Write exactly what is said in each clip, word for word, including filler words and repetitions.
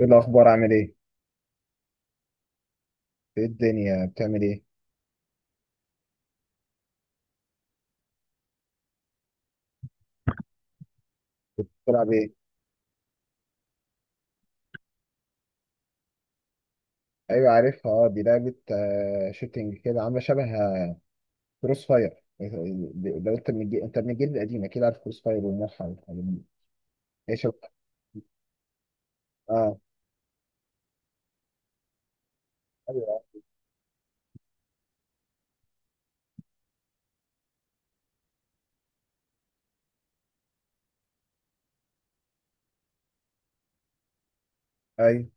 ايه الاخبار؟ عامل ايه؟ ايه الدنيا بتعمل ايه؟ بتلعب ايه؟ ايوه عارفها، اه دي لعبه آه شوتينج كده، عامله شبه كروس فاير. لو انت من الجيل، انت من الجيل القديم اكيد عارف كروس فاير والموحة والحاجات دي. ايه شبه؟ اه. ايوه ايوه.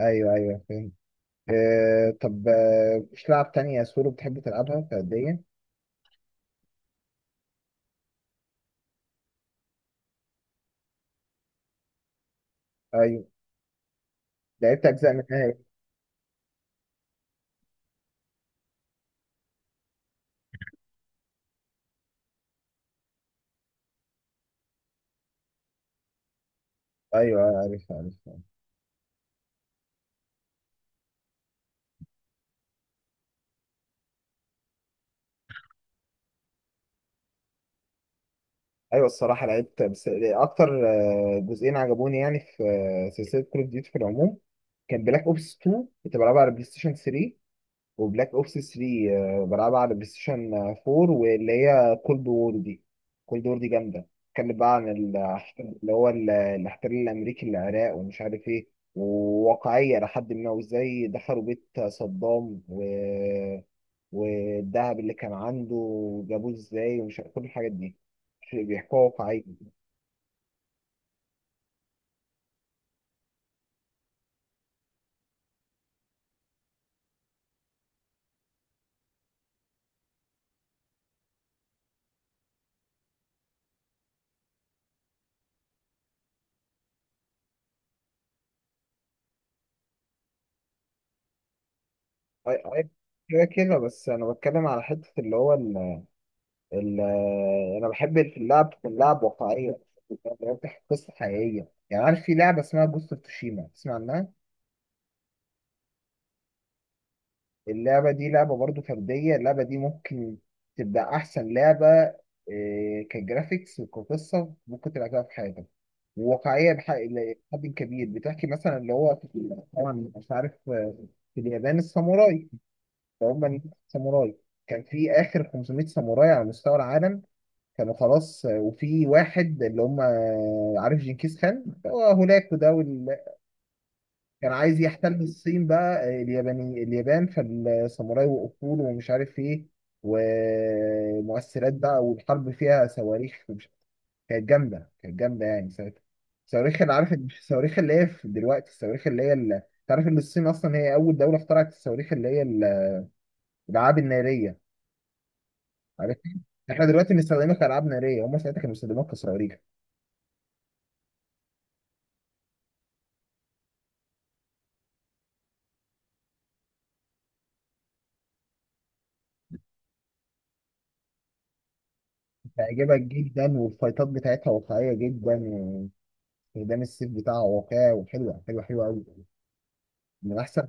ايوه ايوه فاهم. آه طب آه، مش لعب تانية سولو بتحب تلعبها فرديا؟ ايوه لعبت اجزاء منها. ايوه عارف عارف ايوه الصراحه لعبت بس اكتر آه، جزئين عجبوني يعني في آه، سلسله كول اوف ديوتي في العموم. كان بلاك اوبس اتنين كنت بلعبها على بلاي ستيشن تلاتة، وبلاك اوبس تلاتة آه، بلعبها على بلاي ستيشن اربعة، واللي هي كولد وور دي. كولد وور دي جامده، اتكلم بقى عن ال- اللي هو ال- الاحتلال الامريكي للعراق ومش عارف ايه، وواقعيه لحد ما. وازاي دخلوا بيت صدام و... والذهب اللي كان عنده جابوه ازاي، ومش عارف كل الحاجات دي بيحكوها واقعية. أي أي. كده كده. بس أنا بتكلم على حتة اللي هو ال ال أنا بحب في اللعب تكون لعب واقعية، اللي هو بتحكي قصة حقيقية. يعني عارف في لعبة اسمها جوست اوف تشيما، تسمع عنها؟ اللعبة دي لعبة برضو فردية، اللعبة دي ممكن تبقى أحسن لعبة، إيه، كجرافيكس وكقصة ممكن تلعبها في حياتك. وواقعية بح- لحد كبير. بتحكي مثلا اللي هو طبعا مش عارف، آه، في اليابان الساموراي، فهم ساموراي. كان في اخر خمسمائة ساموراي على مستوى العالم، كانوا خلاص. وفي واحد اللي هم، عارف جنكيز خان هو هناك وده وال- كان عايز يحتل الصين بقى، الياباني اليابان فالساموراي وقفوا له ومش عارف ايه. ومؤثرات بقى، والحرب فيها صواريخ ومش- كانت جامده، كانت جامده يعني ساعتها. الصواريخ اللي عارف، مش الصواريخ اللي هي في دلوقتي، الصواريخ اللي هي اللي، تعرف ان الصين اصلا هي اول دوله اخترعت الصواريخ اللي هي الالعاب الناريه، عارف. احنا دلوقتي بنستخدمها كألعاب نارية، هم ساعتها كانوا بيستخدموها كصواريخ. هتعجبك جدا، والفايتات بتاعتها واقعية جدا، واستخدام السيف بتاعها واقعي، وحلوة حلوة حلوة أوي، من أحسن.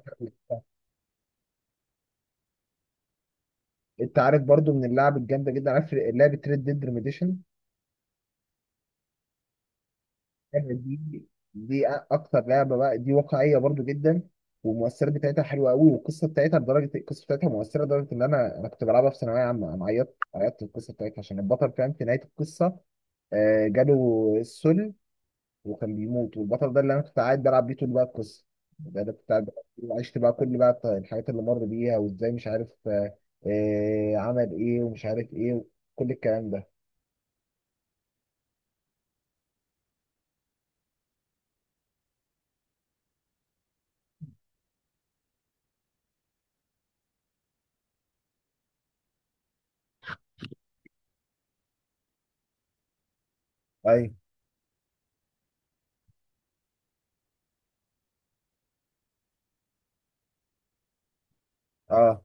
أنت عارف برضو من اللعب الجامدة جدا، عارف لعبة ريد ديد ريميديشن؟ اللعبة دي، دي أكتر لعبة بقى، دي واقعية برضو جدا، والمؤثرات بتاعتها حلوة أوي، والقصة بتاعتها، لدرجة القصة بتاعتها مؤثرة لدرجة إن أنا أنا كنت بلعبها في ثانوية عامة، أنا عيطت عيطت في القصة بتاعتها، عشان البطل فاهم، في نهاية القصة آه، جاله السل وكان بيموت. والبطل ده اللي انا كنت قاعد بلعب بيه طول بقى القصه، ده انا كنت قاعد بلعب بيه، وعشت بقى كل بقى الط- الحاجات اللي مر بيها، وازاي مش عارف آه آه، عمل ايه ومش عارف ايه، كل الكلام ده. اي. اه.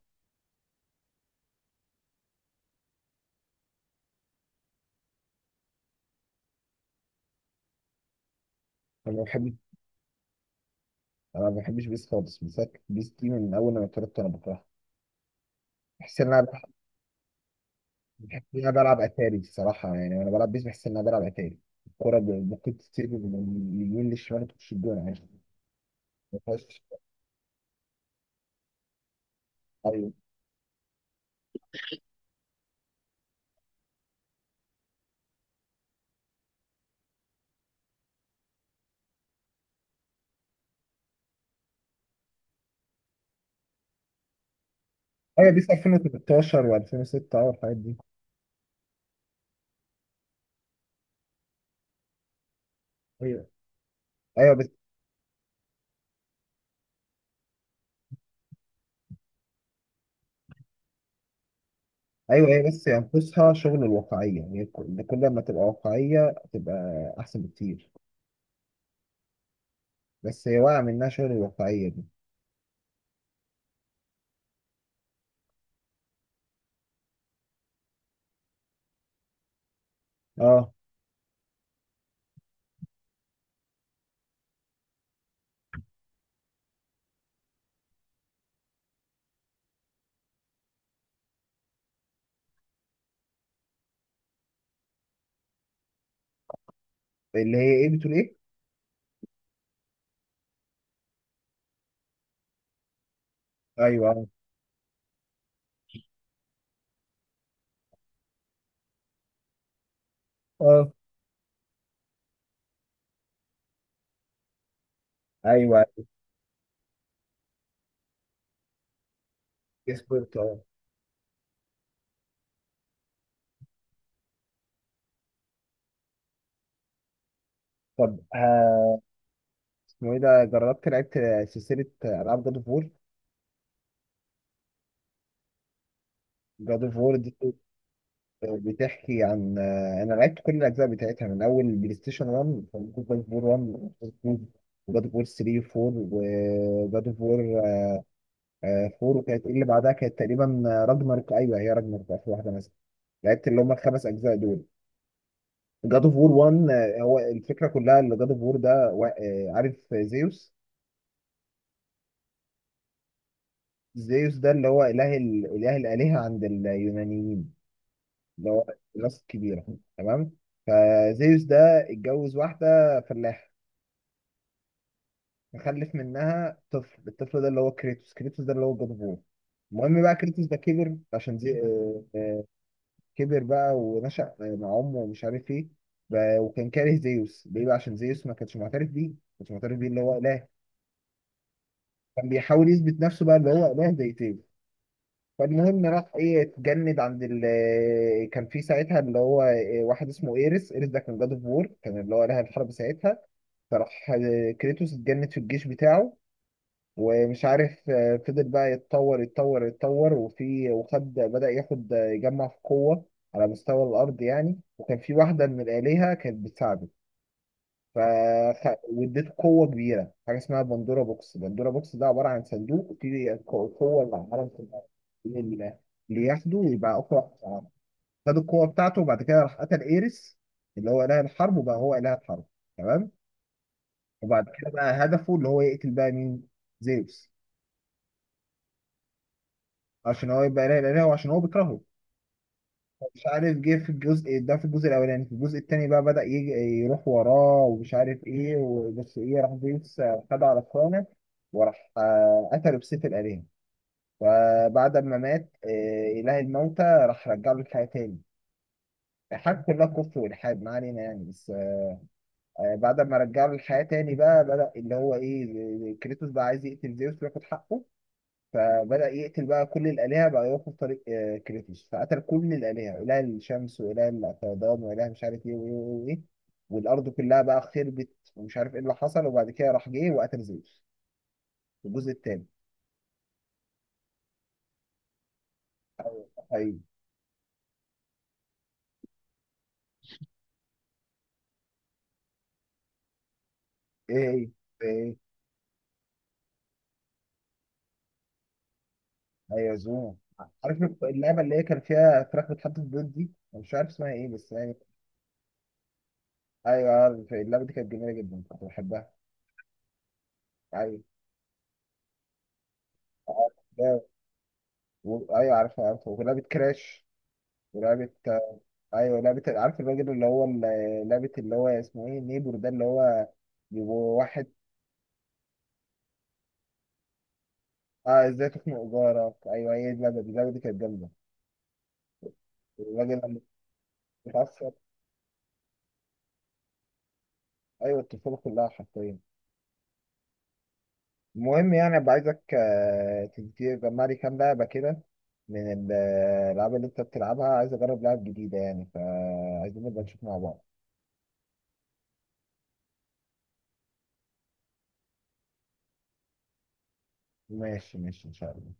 انا ما بحب انا ما بحبش بيس خالص. بيس، بيس دي من اول ما اتولدت انا بكرهها. بحس ان انا بح- بحس ان انا بلعب اتاري الصراحه، يعني وانا بلعب بيس بحس ان انا بلعب اتاري. الكوره ب- ممكن تسيب من اليمين للشمال تخش الجون عادي، ما فيهاش. ايوه. ايوه، بيس الفين وتلتاشر و2006، اه الحاجات دي. ايوه. ايوه. ايوه، هي بس ينقصها شغل الواقعيه، يعني كل كل ما تبقى واقعيه تبقى احسن بكتير. بس هي واقعه، منها شغل الواقعيه دي. اه. اللي هي ايه، بتقول ايه؟ ايوه، اه، آه، ايوه. اصبرت، اه. طب، ها- اسمه ايه ده؟ جربت لعبت سلسله العاب جاد اوف وور؟ جاد اوف وور دي آه، بتحكي عن، آه، انا لعبت كل الاجزاء بتاعتها من اول بلاي ستيشن واحد، جاد اوف وور واحد، جاد اوف وور تلاتة و4، وجاد اوف وور آه، فور. وكانت ايه اللي بعدها؟ كانت تقريبا آه، راجناروك. ايوه هي راجناروك في اخر واحده مثلا. لعبت اللي هم الخمس اجزاء دول. جاد اوف وور واحد، آه، هو الفكره كلها اللي جاد اوف وور ده وا- آه، عارف زيوس؟ زيوس ده اللي هو اله ال- اله الالهه عند اليونانيين، اللي هو الناس الكبيره. تمام. فزيوس ده اتجوز واحده فلاحه، فخلف منها طفل. الطفل ده اللي هو كريتوس. كريتوس ده اللي هو جاد اوف وور. المهم بقى، كريتوس ده كبر عشان زي... آه، آه، كبر بقى ونشأ مع امه ومش عارف ايه. ب- وكان كاره زيوس ليه بقى؟ عشان زيوس ما كانش معترف بيه، ما كانش معترف بيه اللي هو اله. كان بيحاول يثبت نفسه بقى اللي هو اله زي زيوس. فالمهم راح ايه، اتجند عند ال آه، كان في ساعتها اللي هو إيه، واحد اسمه ايرس. ايرس ده كان جاد اوف وور، كان اللي هو اله الحرب ساعتها. فراح آه، كريتوس اتجند في الجيش بتاعه، ومش عارف آه، فضل بقى يتطور يتطور يتطور وفي وخد بدأ ياخد، آه، يجمع في قوة على مستوى الأرض يعني. وكان في واحدة من الآلهة كانت بتساعده، ف واديته قوة كبيرة، حاجة اسمها بندورا بوكس. بندورا بوكس ده عبارة عن صندوق فيه القوة اللي على العالم كلها، اللي اللي ياخده ويبقى أقوى واحد في العالم. خد القوة بتاعته، وبعد كده راح قتل إيريس اللي هو إله الحرب، وبقى هو إله الحرب. تمام. وبعد كده بقى هدفه اللي هو يقتل بقى مين؟ زيوس. عشان هو يبقى لا اله، وعشان هو عشان هو بيكرهه. مش عارف، جه في الجزء ده، في الجزء الاولاني، في الجزء التاني بقى بدأ يجي يروح وراه ومش عارف ايه. وبس ايه، راح زيوس خد على اخوانه، وراح آه، قتله بسيف الآلهة. فبعد ما مات آه، إله الموتى راح رجع له الحياة تاني. الحاجة كلها كفر والحاد، ما علينا يعني. بس آه، بعد ما رجع له الحياة تاني، بقى بدأ اللي هو ايه، كريتوس بقى عايز يقتل زيوس وياخد حقه. فبدأ يقتل بقى كل الآلهة بقى، يوقف طريق آه، كريتوس فقتل كل الآلهة، إله الشمس وإله الفيضان وإله مش عارف إيه وإيه وإيه وإيه. والأرض كلها بقى خربت، ومش عارف إيه اللي حصل. وبعد كده راح جه وقتل زيوس في الجزء التاني. أيوه. أيوه. إيه إيه. إيه. أيوه زوم. عارف اللعبة اللي هي كان فيها فراخ بتحط في البيض دي؟ أنا مش عارف اسمها إيه بس يعني. أيوه عارف اللعبة دي، كانت جميلة جدا كنت بحبها. أيوه. عارف. و- أيوه عارفها عارفها. ولعبة كراش، ولعبة، ايوه لعبه، عارف الراجل اللي هو ال- لعبه اللي هو اسمه ايه، نيبور ده، اللي هو بيبقوا واحد. اه ازاي تخنق جارك، ايوه هي دي اللعبه، دي اللعبه دي كانت جامده. الراجل لما بيتعصب. ايوه الطفوله كلها حرفيا. المهم يعني، ابقى عايزك آه، تدي- تجمع لي كام لعبه كده من ال- الالعاب اللي انت بتلعبها. عايز اجرب لعب جديده يعني، فعايزين نبقى نشوف مع بعض. ماشي ماشي ان شاء الله.